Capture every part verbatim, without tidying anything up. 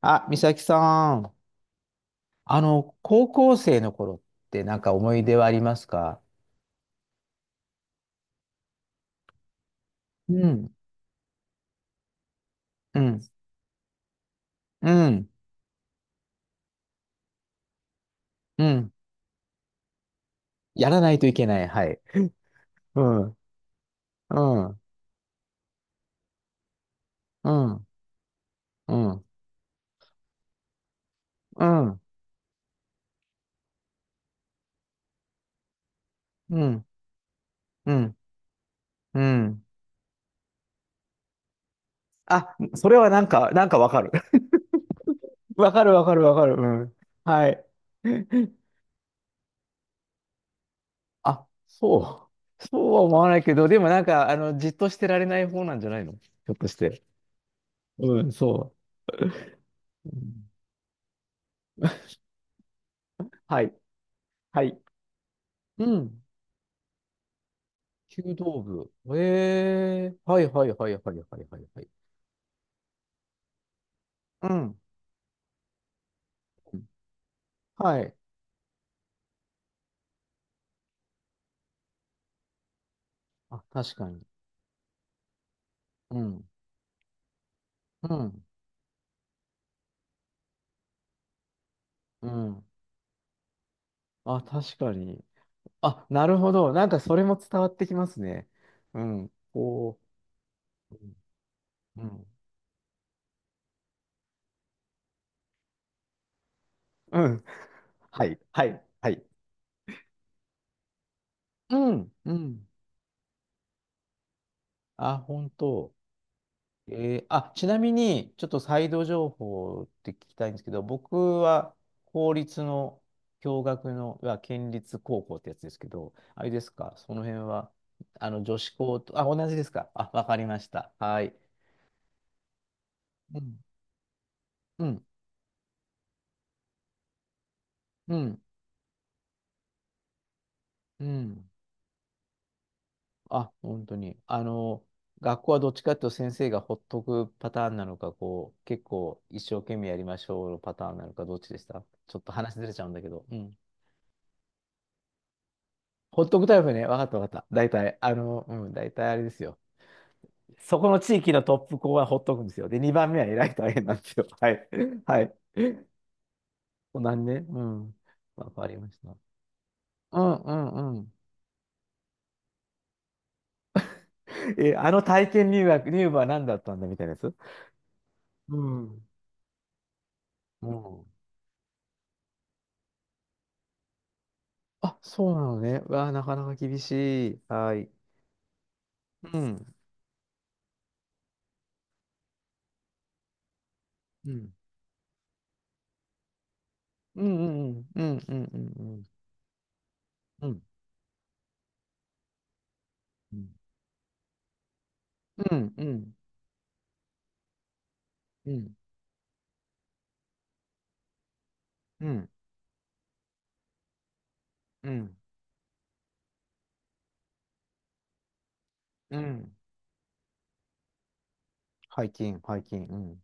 あ、美咲さん、あの、高校生の頃ってなんか思い出はありますか？うん、うん、うん、うん。やらないといけない。はい。うん、うん、うん、うん、うん、うん、うん、うん。うん。あ、それはなんか、なんかわかる。わかるわかるわかる。うん。はい。あ、そう。そうは思わないけど、でもなんか、あの、じっとしてられない方なんじゃないのひょっとして。うん、そう。うん。 はい。はい。うん。弓道部。ええはいはいはいはいはいはいはい。うん。はい。あ、確かに。うん。うん。うん。あ、確かに。あ、なるほど。なんかそれも伝わってきますね。うん。こう。うん。うん。うん。はい。はい。はい。うん。うん。あ、本当。えーあ、ちなみに、ちょっとサイド情報って聞きたいんですけど、僕は公立の共学の、いわゆる県立高校ってやつですけど、あれですか、その辺は、あの、女子校と、あ、同じですか？あ、わかりました。はい。うん、うん、うん、うん。あ、本当に。あの、学校はどっちかっていうと先生がほっとくパターンなのか、こう、結構一生懸命やりましょうのパターンなのか、どっちでした？ちょっと話ずれちゃうんだけど。うん。ホットクタイプね。わかったわかった。大体、あの、うん、大体あれですよ。そこの地域のトップ校はほっとくんですよ。で、にばんめは偉い大変なんですよ。はい。はい。こんなんね。うん。わかりました。うんうんうん。え、あの体験入学、入部は何だったんだみたいなやつ。うん。うん。あ、そうなのね。わあ、なかなか厳しい。はい。うん。うん。うんうんうんうんうんうんうんうんうんうんうんうんうんうんうん。背筋背筋うん。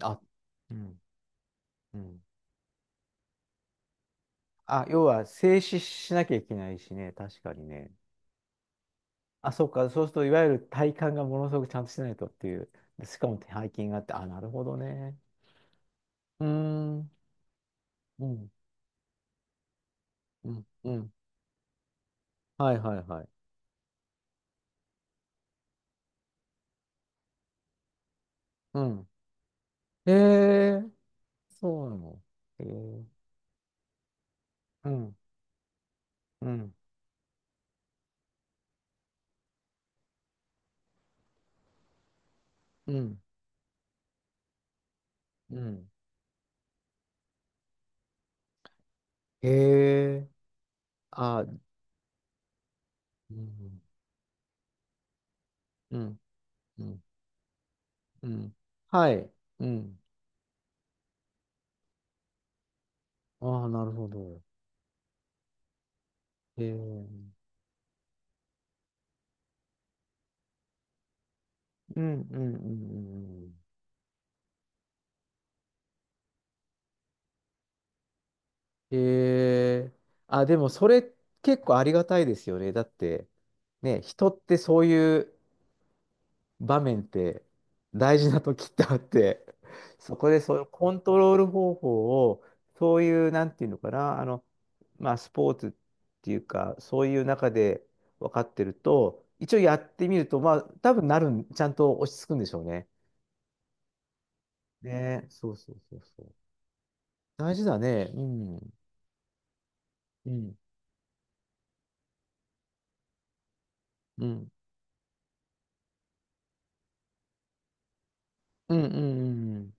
あ、うん、うん。あ、要は静止しなきゃいけないしね、確かにね。あ、そうか、そうするといわゆる体幹がものすごくちゃんとしてないとっていう、でしかも背筋があって、あ、なるほどね。うーん、うん、うん、うん。はいはいはい。うん。へえ、そうなの。へえ、うん、うん、うん、うん。へえ、あ、うん、うん、うん、うん。はい、うん。ああ、なるほど。へえ。うんうんうんうんうん。えー、あ、でもそれ結構ありがたいですよね。だって、ね、人ってそういう場面って大事な時ってあって、そこでそのコントロール方法を、そういう、なんていうのかな、あの、まあ、スポーツっていうか、そういう中で分かってると、一応やってみると、まあ、多分なるん、ちゃんと落ち着くんでしょうね。ね、そうそうそうそう。大事だね。うん。うん。うん。うんうんうんうん。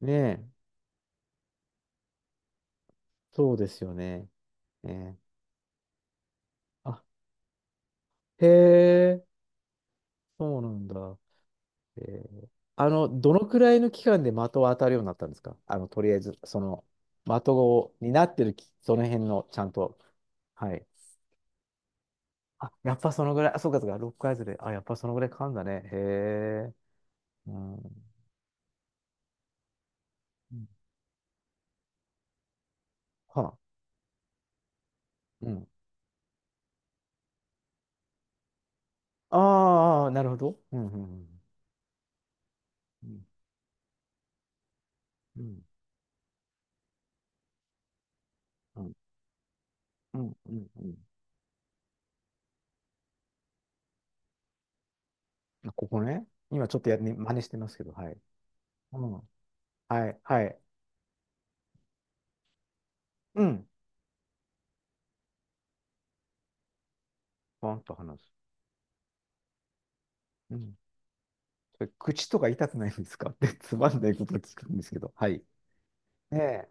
ねえ、そうですよね。ねえ。あ、へえ、そうなんだ。えー、あの、どのくらいの期間で的を当たるようになったんですか？あの、とりあえず、その、的をになってるき、その辺の、ちゃんと。はい。あ、やっぱそのぐらい、あ、そうかそうか、ろっヶずで、あ、やっぱそのぐらいかんだね。へえ、うん。うん。はあ、うん。ああ、なるほど。うん、うん、うん。うん、うん、うん、うん。うん。あここね。今ちょっとや、ね、真似してますけど、はい。うん。はい、はい。うん。ポンと話す。うん。それ口とか痛くないんですかって つまんないことを聞くんですけど、はい。ねえ。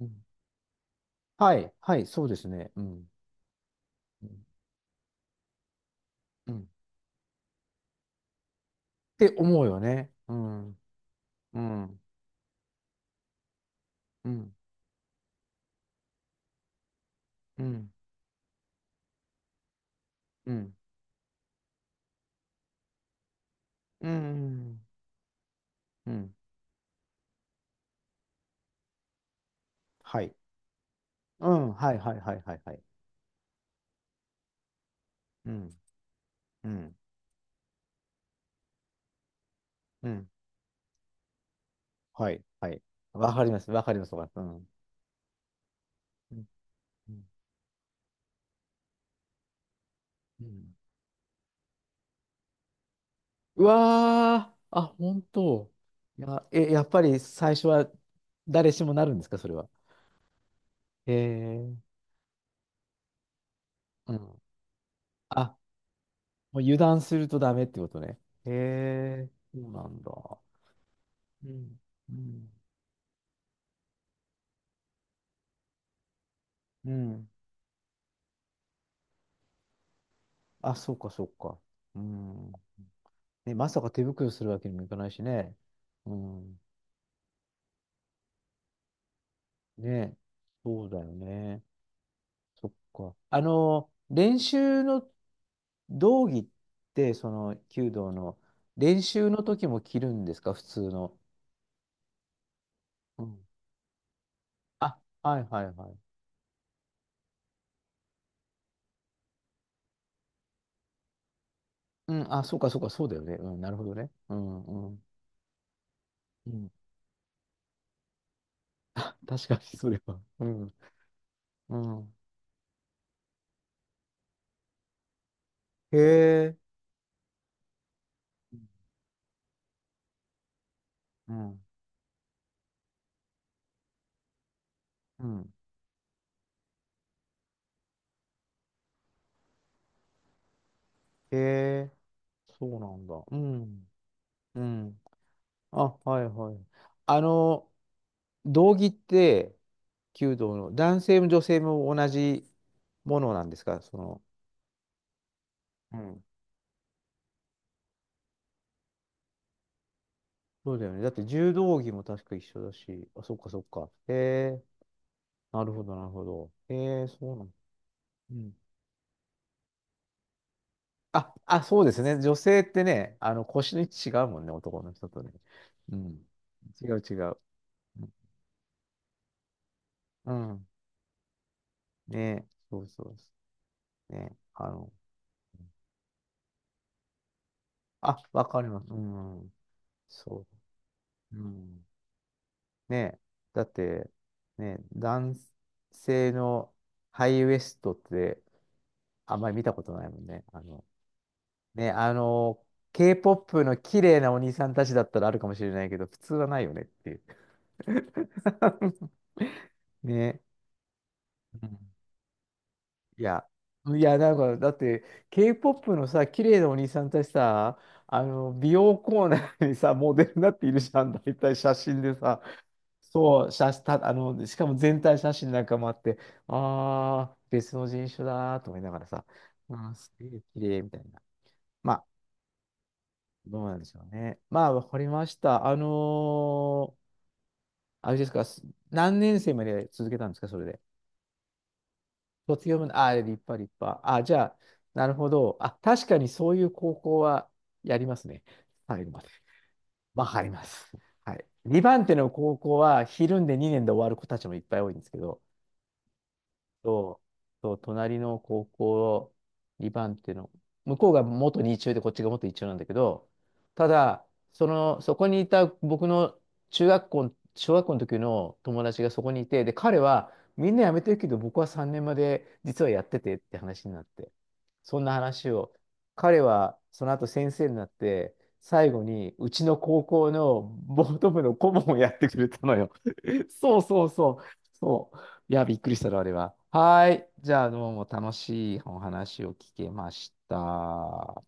うん。はい、はい、そうですね。うん。うん。うんって思うよね。うん。うん。うん。うん。うん。うん。うん。はい。うん。はい、はい、はい、はい、はい。うん。うん。うん。はい、はい。わかります。わかります。わかります。うん。うん。うん。うん。うわー、あ、本当。いや、え、やっぱり最初は誰しもなるんですか、それは？へえ、うん。あ、もう油断するとダメってことね。へえ、そうなんだ。うん。うん。うん。あ、そうか、そうか。うん。ね、まさか手袋するわけにもいかないしね。うん。ね、そうだよね。そっか。あの、練習の道着ってその弓道の練習の時も着るんですか、普通の？うん。あ、はいはいはい。うん、あ、そうかそうか、そうだよね。うん、なるほどね。うんうん。うん。あ、確かにそれは。うん。うん。へえ。うん。うん。へえ。そうなんだ。うん。うん。あ、はいはい。あの、道着って、弓道の男性も女性も同じものなんですか、その？そうだよね。だって柔道着も確か一緒だし、あ、そっかそっか。へえ、なるほど、なるほど。へえ、そうなの。うん。あ、あ、そうですね。女性ってね、あの、腰の位置違うもんね、男の人とね。うん。違う違う。うん。うんねそうそうそう。ねあの、あ、わかります。うん。そう。うん。ねだって、ね男性のハイウエストってあんまり見たことないもんね。あの、ね、あの、K-ポップ の綺麗なお兄さんたちだったらあるかもしれないけど、普通はないよねっていう。ね。うん。いや、いや、なんか、だって、K-ポップ のさ、綺麗なお兄さんたちさ、あの、美容コーナーにさ、モデルになっているじゃん、大体写真でさ。そう、写た、あの、しかも全体写真なんかもあって、あー、別の人種だーと思いながらさ、あー、すげえ綺麗みたいな。まどうなんでしょうね。まあ、わかりました。あのーあれですか、す何年生まで続けたんですか、それで？卒業まで、あ、立派、立派。あ、じゃあ、なるほど。あ、確かにそういう高校はやりますね。最後まで。わかります。はい。にばん手の高校は、ひるんでにねんで終わる子たちもいっぱい多いんですけど、そう、そう、隣の高校、にばんっていうの、向こうが元に中でこっちが元いち中なんだけど、ただ、その、そこにいた僕の中学校、小学校の時の友達がそこにいて、で、彼はみんな辞めてるけど、僕はさんねんまで実はやっててって話になって、そんな話を、彼はその後先生になって、最後にうちの高校のボート部の顧問をやってくれたのよ。そうそうそう。そう、いや、びっくりしたな、あれは。はい。じゃあ、どうも楽しいお話を聞けました。